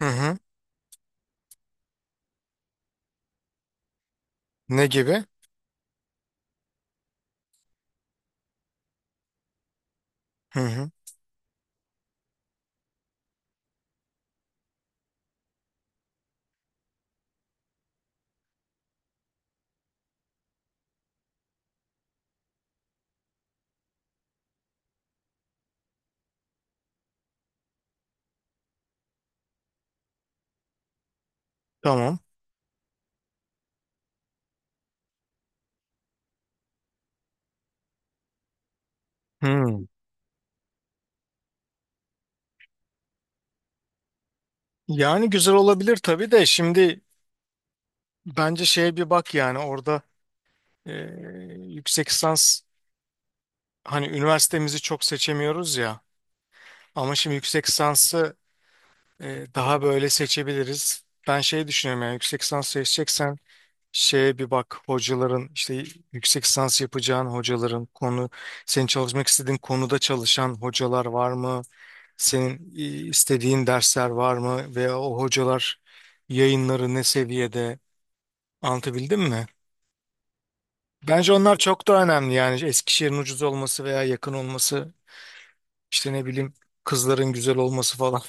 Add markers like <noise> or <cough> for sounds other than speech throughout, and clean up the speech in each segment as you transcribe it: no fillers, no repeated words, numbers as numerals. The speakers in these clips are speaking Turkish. Hı hı. Ne gibi? Hı hı. Tamam. Hı. Yani güzel olabilir tabii de şimdi bence şeye bir bak yani orada e, yüksek lisans hani üniversitemizi çok seçemiyoruz ya ama şimdi yüksek lisansı daha böyle seçebiliriz. Ben şey düşünüyorum yani yüksek lisans seçeceksen şeye bir bak hocaların işte yüksek lisans yapacağın hocaların konu senin çalışmak istediğin konuda çalışan hocalar var mı? Senin istediğin dersler var mı veya o hocalar yayınları ne seviyede anlatabildim mi? Bence onlar çok da önemli yani Eskişehir'in ucuz olması veya yakın olması işte ne bileyim kızların güzel olması falan.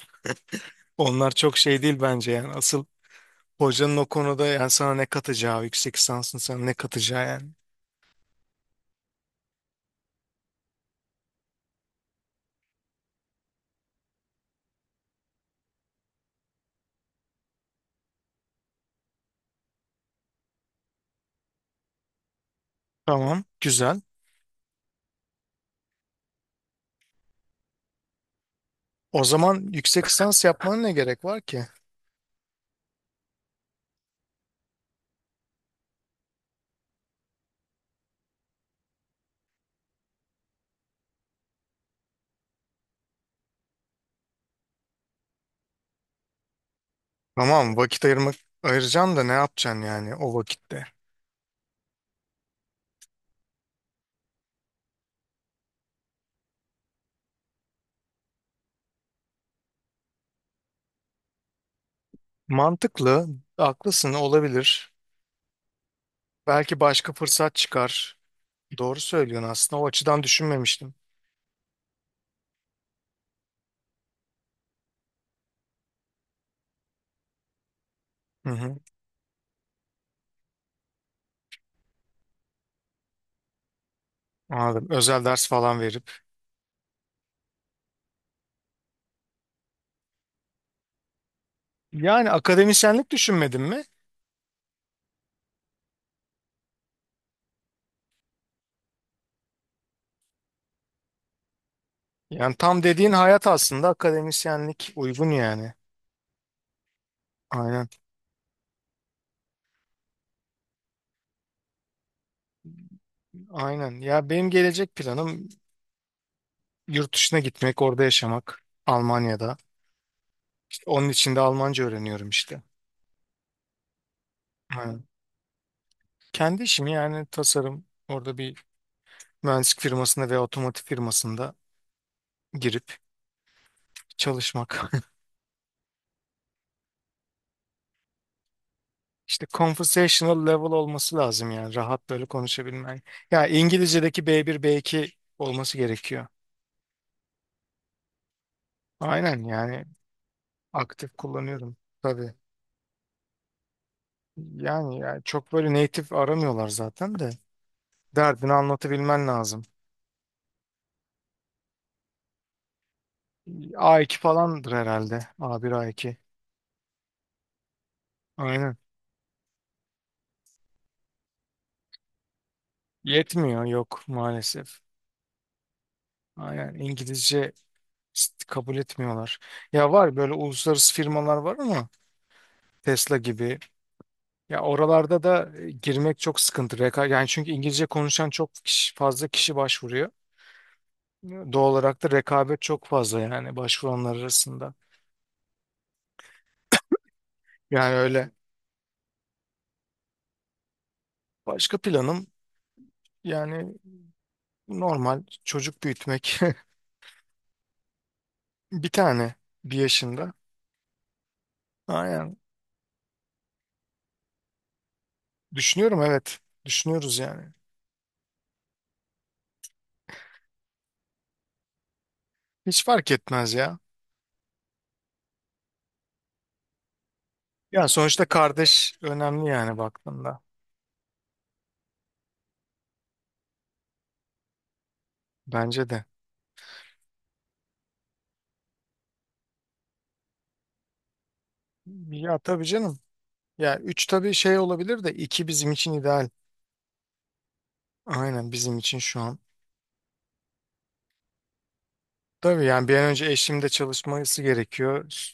<laughs> Onlar çok şey değil bence yani asıl hocanın o konuda yani sana ne katacağı yüksek lisansın sana ne katacağı yani. Tamam, güzel. O zaman yüksek lisans yapmana ne gerek var ki? Tamam, vakit ayırmak ayıracaksın da ne yapacaksın yani o vakitte? Mantıklı, haklısın, olabilir. Belki başka fırsat çıkar. Doğru söylüyorsun aslında. O açıdan düşünmemiştim. Hı hı, anladım. Özel ders falan verip. Yani akademisyenlik düşünmedin mi? Yani tam dediğin hayat aslında akademisyenlik uygun yani. Aynen. Aynen. Ya benim gelecek planım yurt dışına gitmek, orada yaşamak. Almanya'da. İşte onun için de Almanca öğreniyorum işte. Aynen. Kendi işimi yani, tasarım. Orada bir mühendislik firmasında veya otomotiv firmasında girip çalışmak. <laughs> İşte conversational level olması lazım yani rahat böyle konuşabilmen. Ya İngilizce'deki B1 B2 olması gerekiyor. Aynen yani, aktif kullanıyorum tabii. Yani, çok böyle native aramıyorlar zaten de derdini anlatabilmen lazım. A2 falandır herhalde. A1 A2. Aynen. Yetmiyor, yok maalesef. Aynen, İngilizce kabul etmiyorlar. Ya var böyle uluslararası firmalar var ama, Tesla gibi. Ya oralarda da girmek çok sıkıntı. Reka yani, çünkü İngilizce konuşan çok kişi, fazla kişi başvuruyor. Doğal olarak da rekabet çok fazla yani başvuranlar arasında. Yani öyle. Başka planım yani normal, çocuk büyütmek. <laughs> Bir tane, bir yaşında. Aynen. Düşünüyorum, evet. Düşünüyoruz yani. Hiç fark etmez ya. Yani sonuçta kardeş önemli yani baktığında. Bence de. Ya tabii canım. Ya üç tabii şey olabilir de, iki bizim için ideal. Aynen, bizim için şu an. Tabii yani bir an önce eşim de çalışması gerekiyor.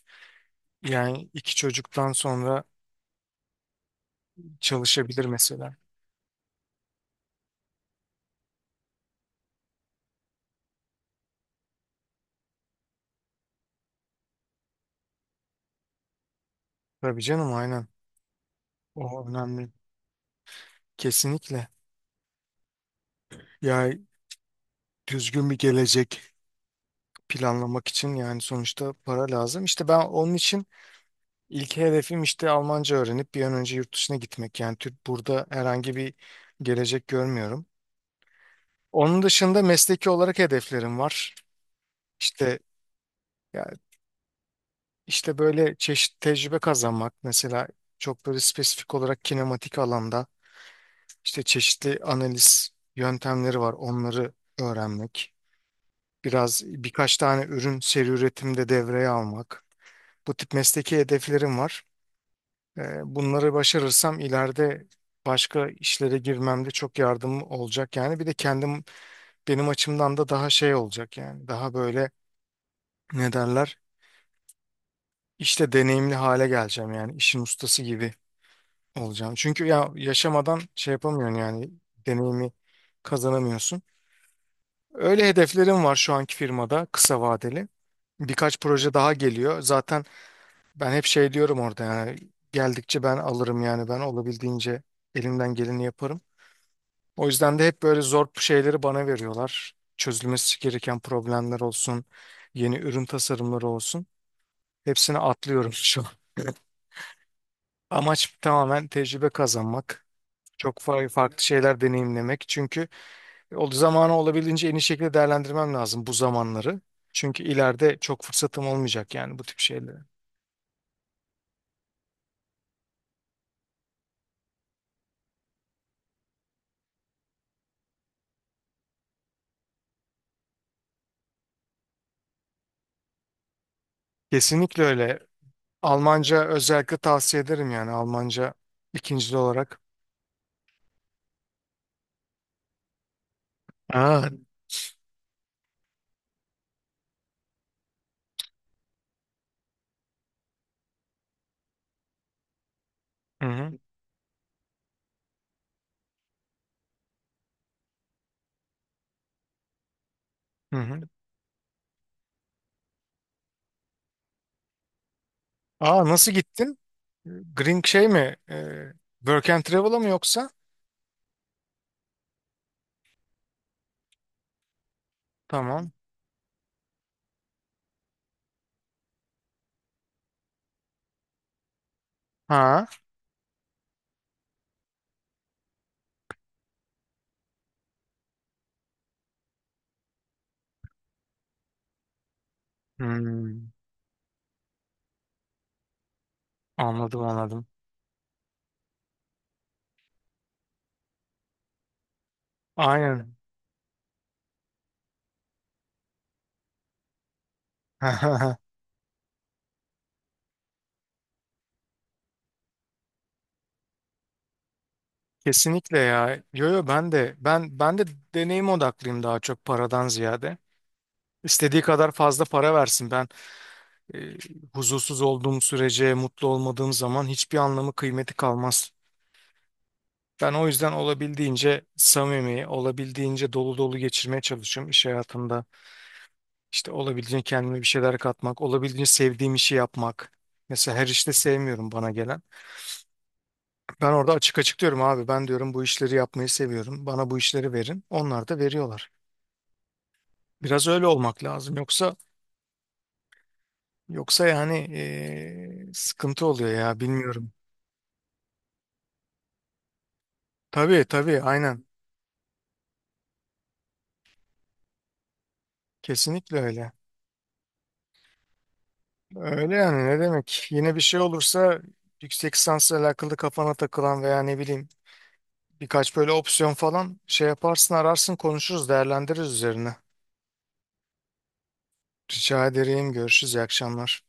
Yani iki çocuktan sonra çalışabilir mesela. Tabii canım, aynen. O önemli. Kesinlikle. Ya, düzgün bir gelecek planlamak için yani sonuçta para lazım. İşte ben onun için ilk hedefim işte Almanca öğrenip bir an önce yurt dışına gitmek. Yani Türk burada herhangi bir gelecek görmüyorum. Onun dışında mesleki olarak hedeflerim var. İşte, ya, İşte böyle çeşitli tecrübe kazanmak mesela, çok böyle spesifik olarak kinematik alanda işte çeşitli analiz yöntemleri var, onları öğrenmek. Biraz birkaç tane ürün seri üretimde devreye almak. Bu tip mesleki hedeflerim var. Bunları başarırsam ileride başka işlere girmemde çok yardım olacak yani. Bir de kendim, benim açımdan da daha şey olacak yani. Daha böyle, ne derler? İşte deneyimli hale geleceğim yani, işin ustası gibi olacağım. Çünkü ya yaşamadan şey yapamıyorsun yani deneyimi kazanamıyorsun. Öyle hedeflerim var şu anki firmada kısa vadeli. Birkaç proje daha geliyor. Zaten ben hep şey diyorum orada yani, geldikçe ben alırım yani, ben olabildiğince elimden geleni yaparım. O yüzden de hep böyle zor şeyleri bana veriyorlar. Çözülmesi gereken problemler olsun, yeni ürün tasarımları olsun. Hepsini atlıyorum <laughs> şu an. Amaç tamamen tecrübe kazanmak. Çok farklı şeyler deneyimlemek. Çünkü o zamanı olabildiğince en iyi şekilde değerlendirmem lazım, bu zamanları. Çünkü ileride çok fırsatım olmayacak yani bu tip şeylere. Kesinlikle öyle. Almanca özellikle tavsiye ederim yani, Almanca ikincili olarak. Aa. Hı hı. Hı hı. Aa, nasıl gittin? Green şey mi? Work and Travel'a mı yoksa? Tamam. Ha. Hmm. Anladım, anladım. Aynen. <laughs> Kesinlikle ya. Yo yo, ben de deneyim odaklıyım daha çok, paradan ziyade. İstediği kadar fazla para versin. Ben e, huzursuz olduğum sürece, mutlu olmadığım zaman hiçbir anlamı, kıymeti kalmaz. Ben o yüzden olabildiğince samimi, olabildiğince dolu dolu geçirmeye çalışıyorum iş hayatımda. İşte olabildiğince kendime bir şeyler katmak, olabildiğince sevdiğim işi yapmak. Mesela her işte sevmiyorum bana gelen. Ben orada açık açık diyorum, abi ben diyorum bu işleri yapmayı seviyorum. Bana bu işleri verin. Onlar da veriyorlar. Biraz öyle olmak lazım. Yoksa yani sıkıntı oluyor ya, bilmiyorum. Tabii tabii, aynen. Kesinlikle öyle. Öyle yani, ne demek. Yine bir şey olursa, yüksek lisansla alakalı kafana takılan veya ne bileyim birkaç böyle opsiyon falan, şey yaparsın, ararsın, konuşuruz, değerlendiririz üzerine. Rica ederim, görüşürüz, iyi akşamlar.